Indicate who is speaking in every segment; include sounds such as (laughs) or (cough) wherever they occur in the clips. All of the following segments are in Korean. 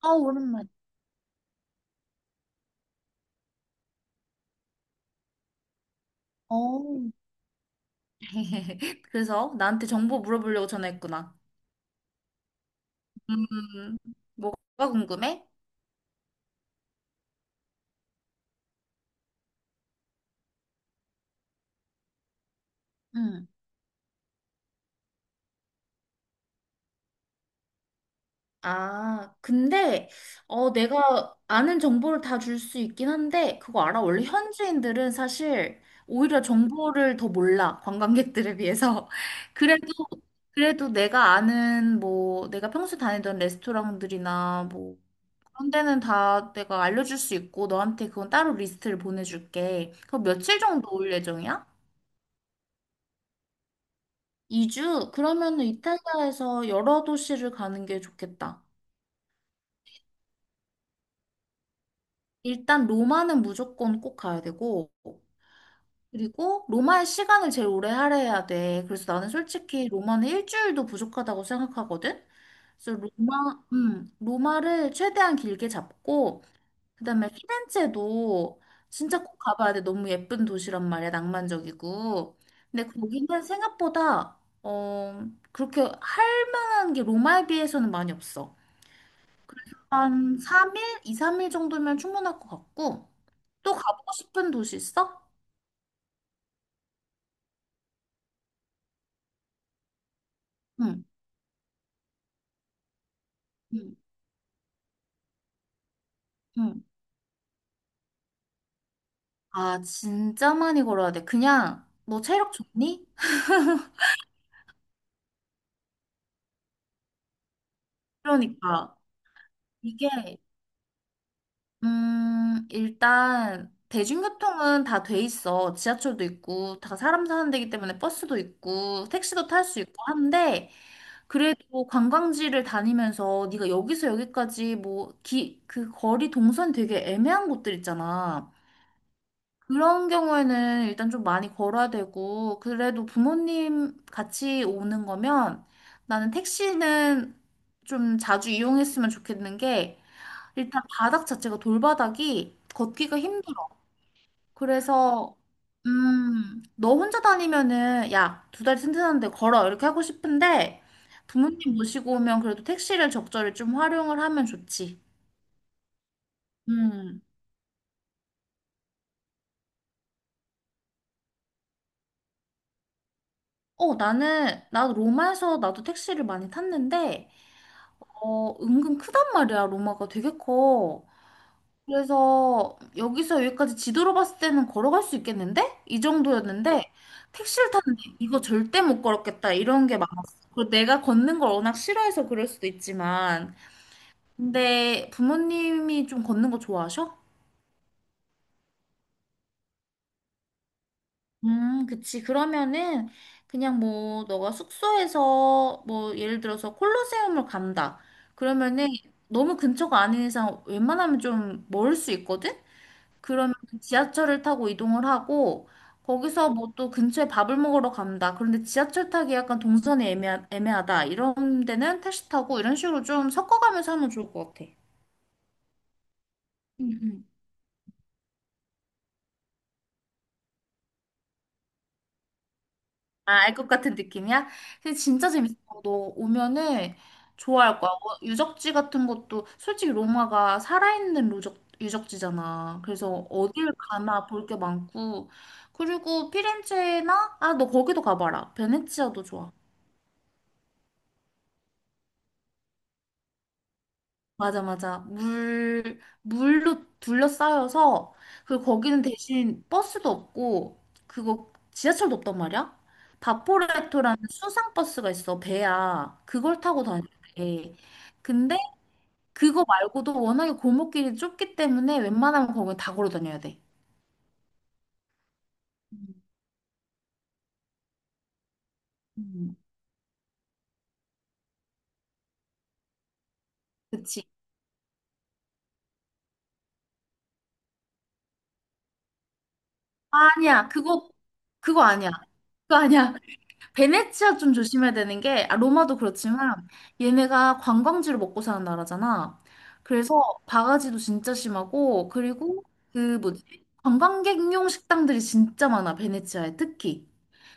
Speaker 1: 아, 오랜만에. 어. (laughs) 그래서 나한테 정보 물어보려고 전화했구나. 음, 뭐가 궁금해? 음. 아, 근데 내가 아는 정보를 다 줄 수 있긴 한데 그거 알아? 원래 현지인들은 사실 오히려 정보를 더 몰라. 관광객들에 비해서. (laughs) 그래도 그래도 내가 아는 뭐 내가 평소 다니던 레스토랑들이나 뭐 그런 데는 다 내가 알려줄 수 있고 너한테 그건 따로 리스트를 보내줄게. 그럼 며칠 정도 올 예정이야? 2주? 그러면은 이탈리아에서 여러 도시를 가는 게 좋겠다. 일단 로마는 무조건 꼭 가야 되고, 그리고 로마의 시간을 제일 오래 할애해야 돼. 그래서 나는 솔직히 로마는 일주일도 부족하다고 생각하거든? 그래서 로마를 최대한 길게 잡고, 그다음에 피렌체도 진짜 꼭 가봐야 돼. 너무 예쁜 도시란 말이야. 낭만적이고. 근데 거기는 생각보다 그렇게 할 만한 게 로마에 비해서는 많이 없어. 한 3일, 2, 3일 정도면 충분할 것 같고. 또 가보고 싶은 도시 있어? 응, 응, 응. 아, 진짜 많이 걸어야 돼. 그냥 너 체력 좋니? 그러니까 이게 일단 대중교통은 다 돼 있어. 지하철도 있고, 다 사람 사는 데기 때문에 버스도 있고, 택시도 탈 수 있고 한데, 그래도 관광지를 다니면서 네가 여기서 여기까지 뭐, 그 거리 동선 되게 애매한 곳들 있잖아. 그런 경우에는 일단 좀 많이 걸어야 되고, 그래도 부모님 같이 오는 거면 나는 택시는 좀 자주 이용했으면 좋겠는 게, 일단 바닥 자체가 돌바닥이 걷기가 힘들어. 그래서 너 혼자 다니면은 야, 두 다리 튼튼한데 걸어 이렇게 하고 싶은데 부모님 모시고 오면 그래도 택시를 적절히 좀 활용을 하면 좋지. 음. 나는 나도 로마에서 나도 택시를 많이 탔는데 은근 크단 말이야. 로마가 되게 커. 그래서 여기서 여기까지 지도로 봤을 때는 걸어갈 수 있겠는데? 이 정도였는데 택시를 탔는데 이거 절대 못 걸었겠다 이런 게 많았어. 그리고 내가 걷는 걸 워낙 싫어해서 그럴 수도 있지만 근데 부모님이 좀 걷는 거 좋아하셔? 그치. 그러면은 그냥 뭐 너가 숙소에서 뭐 예를 들어서 콜로세움을 간다. 그러면은 너무 근처가 아닌 이상 웬만하면 좀 멀을 수 있거든? 그러면 지하철을 타고 이동을 하고 거기서 뭐 또 근처에 밥을 먹으러 간다. 그런데 지하철 타기 약간 동선이 애매하다. 이런 데는 택시 타고 이런 식으로 좀 섞어가면서 하면 좋을 것 같아. 음, 음. 아, 알 것 같은 느낌이야? 근데 진짜 재밌어. 너 오면은 좋아할 거야. 뭐 유적지 같은 것도 솔직히 로마가 살아있는 유적지잖아. 그래서 어딜 가나 볼 게 많고. 그리고 피렌체나, 아, 너 거기도 가봐라. 베네치아도 좋아. 맞아, 맞아. 물로 둘러싸여서, 그리고 거기는 대신 버스도 없고, 그거 지하철도 없단 말이야? 바포레토라는 수상버스가 있어, 배야. 그걸 타고 다니는데. 근데 그거 말고도 워낙에 골목길이 좁기 때문에 웬만하면 거기 다 걸어 다녀야 돼. 음. 음, 그치. 아니야, 그거 아니야. 그거 아니야. 베네치아 좀 조심해야 되는 게, 아, 로마도 그렇지만, 얘네가 관광지로 먹고 사는 나라잖아. 그래서 바가지도 진짜 심하고, 그리고 그 뭐지? 관광객용 식당들이 진짜 많아, 베네치아에 특히.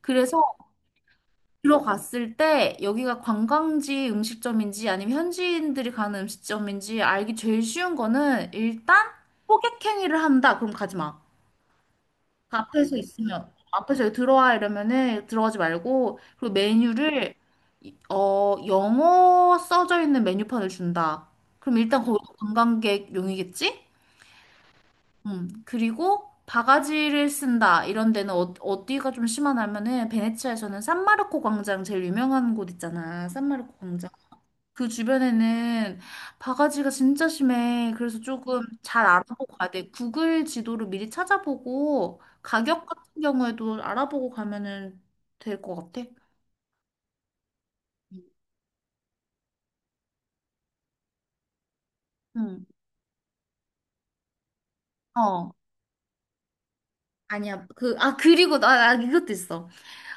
Speaker 1: 그래서 들어갔을 때 여기가 관광지 음식점인지 아니면 현지인들이 가는 음식점인지 알기 제일 쉬운 거는 일단 호객행위를 한다. 그럼 가지 마. 앞에서 있으면 앞에서 들어와 이러면은 들어가지 말고 그리고 메뉴를 영어 써져 있는 메뉴판을 준다. 그럼 일단 거기 관광객용이겠지? 그리고 바가지를 쓴다 이런 데는 어디가 좀 심하냐면은 베네치아에서는 산마르코 광장 제일 유명한 곳 있잖아. 산마르코 광장. 그 주변에는 바가지가 진짜 심해. 그래서 조금 잘 알아보고 가야 돼. 구글 지도를 미리 찾아보고 가격 같은 경우에도 알아보고 가면은 될 것 같아. 응. 어. 아니야. 그리고 나 이것도 있어.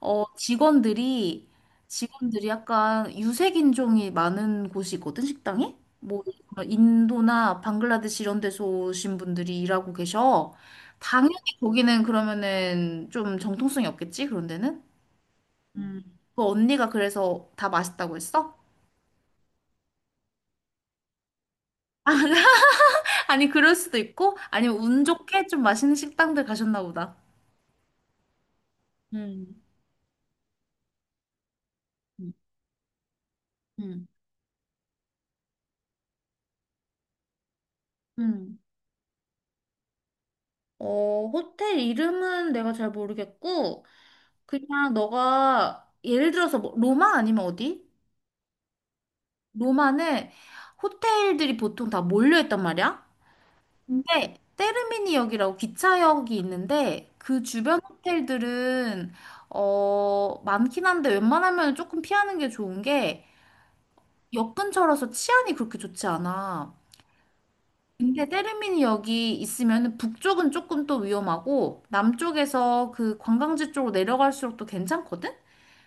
Speaker 1: 어, 직원들이, 직원들이 약간 유색인종이 많은 곳이거든, 식당이? 뭐, 인도나 방글라데시 이런 데서 오신 분들이 일하고 계셔. 당연히 거기는 그러면은 좀 정통성이 없겠지, 그런 데는? 음. 그 언니가 그래서 다 맛있다고 했어? (laughs) 아니, 그럴 수도 있고, 아니면 운 좋게 좀 맛있는 식당들 가셨나 보다. 음. 음. 음. 음. 호텔 이름은 내가 잘 모르겠고, 그냥 너가 예를 들어서 뭐 로마 아니면 어디? 로마는 호텔들이 보통 다 몰려 있단 말이야. 근데 테르미니역이라고 기차역이 있는데 그 주변 호텔들은 많긴 한데 웬만하면 조금 피하는 게 좋은 게 역 근처라서 치안이 그렇게 좋지 않아. 근데 테르미니역이 있으면 북쪽은 조금 또 위험하고 남쪽에서 그 관광지 쪽으로 내려갈수록 또 괜찮거든?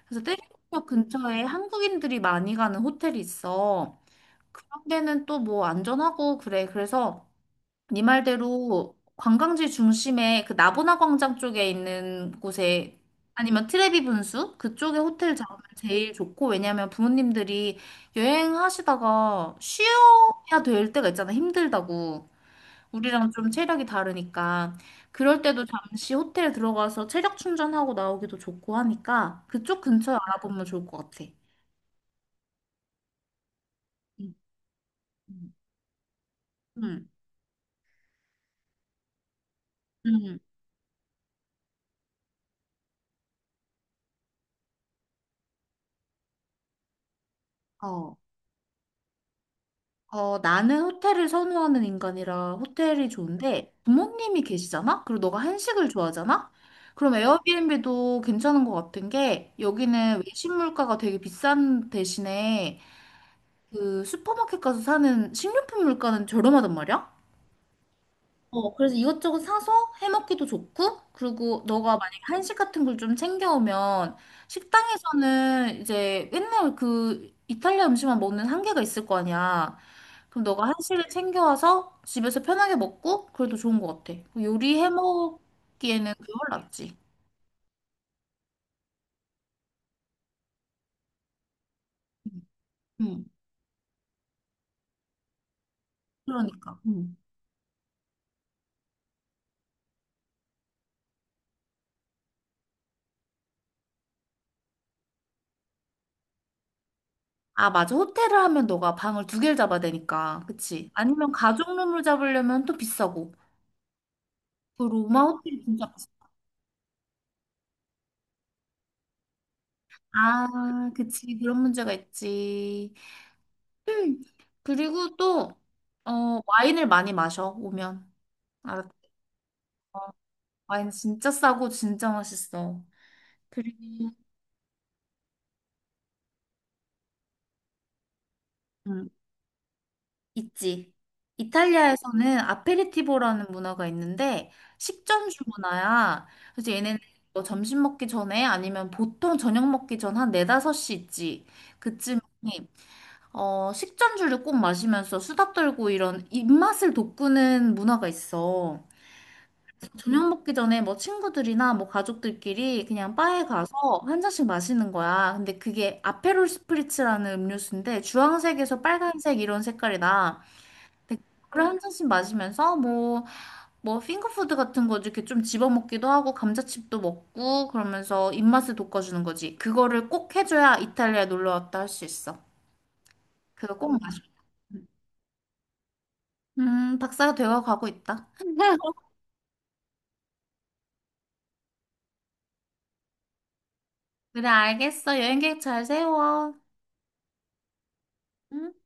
Speaker 1: 그래서 떼국역 근처에 한국인들이 많이 가는 호텔이 있어. 그런 데는 또 뭐 안전하고 그래. 그래서 네 말대로 관광지 중심에 그 나보나 광장 쪽에 있는 곳에 아니면 트레비 분수 그쪽에 호텔 잡으면 제일 좋고 왜냐면 부모님들이 여행하시다가 쉬어야 될 때가 있잖아 힘들다고 우리랑 좀 체력이 다르니까 그럴 때도 잠시 호텔에 들어가서 체력 충전하고 나오기도 좋고 하니까 그쪽 근처에 알아보면 좋을 것 같아. 응, 응, 응. 응. 응. 어, 어, 나는 호텔을 선호하는 인간이라 호텔이 좋은데 부모님이 계시잖아? 그리고 너가 한식을 좋아하잖아? 그럼 에어비앤비도 괜찮은 것 같은 게 여기는 외식 물가가 되게 비싼 대신에 그 슈퍼마켓 가서 사는 식료품 물가는 저렴하단 말이야? 어, 그래서 이것저것 사서 해먹기도 좋고, 그리고 너가 만약에 한식 같은 걸 좀 챙겨오면, 식당에서는 이제 맨날 그 이탈리아 음식만 먹는 한계가 있을 거 아니야. 그럼 너가 한식을 챙겨와서 집에서 편하게 먹고, 그래도 좋은 것 같아. 뭐 요리 해먹기에는 그게 훨 낫지. 응, 그러니까. 응. 아, 맞아. 호텔을 하면 너가 방을 두 개를 잡아야 되니까. 그치? 아니면 가족룸으로 잡으려면 또 비싸고. 그 로마 호텔이 진짜 아, 그치. 그런 문제가 있지. 음, 그리고 또, 와인을 많이 마셔, 오면. 알았어. 와인 진짜 싸고 진짜 맛있어. 그리고, 음, 있지. 이탈리아에서는 아페리티보라는 문화가 있는데, 식전주 문화야. 그래서 얘네는 뭐 점심 먹기 전에 아니면 보통 저녁 먹기 전 한 네다섯 시 있지. 그쯤에 식전주를 꼭 마시면서 수다 떨고 이런 입맛을 돋구는 문화가 있어. 저녁 먹기 전에 뭐 친구들이나 뭐 가족들끼리 그냥 바에 가서 한 잔씩 마시는 거야. 근데 그게 아페롤 스프리츠라는 음료수인데 주황색에서 빨간색 이런 색깔이 나. 근데 그걸 한 잔씩 마시면서 뭐, 뭐 핑거푸드 같은 거 이렇게 좀 집어먹기도 하고 감자칩도 먹고 그러면서 입맛을 돋궈주는 거지. 그거를 꼭 해줘야 이탈리아 놀러 왔다 할 수 있어. 그거 꼭 박사가 되어 가고 있다. (laughs) 그래, 알겠어. 여행 계획 잘 세워. 음.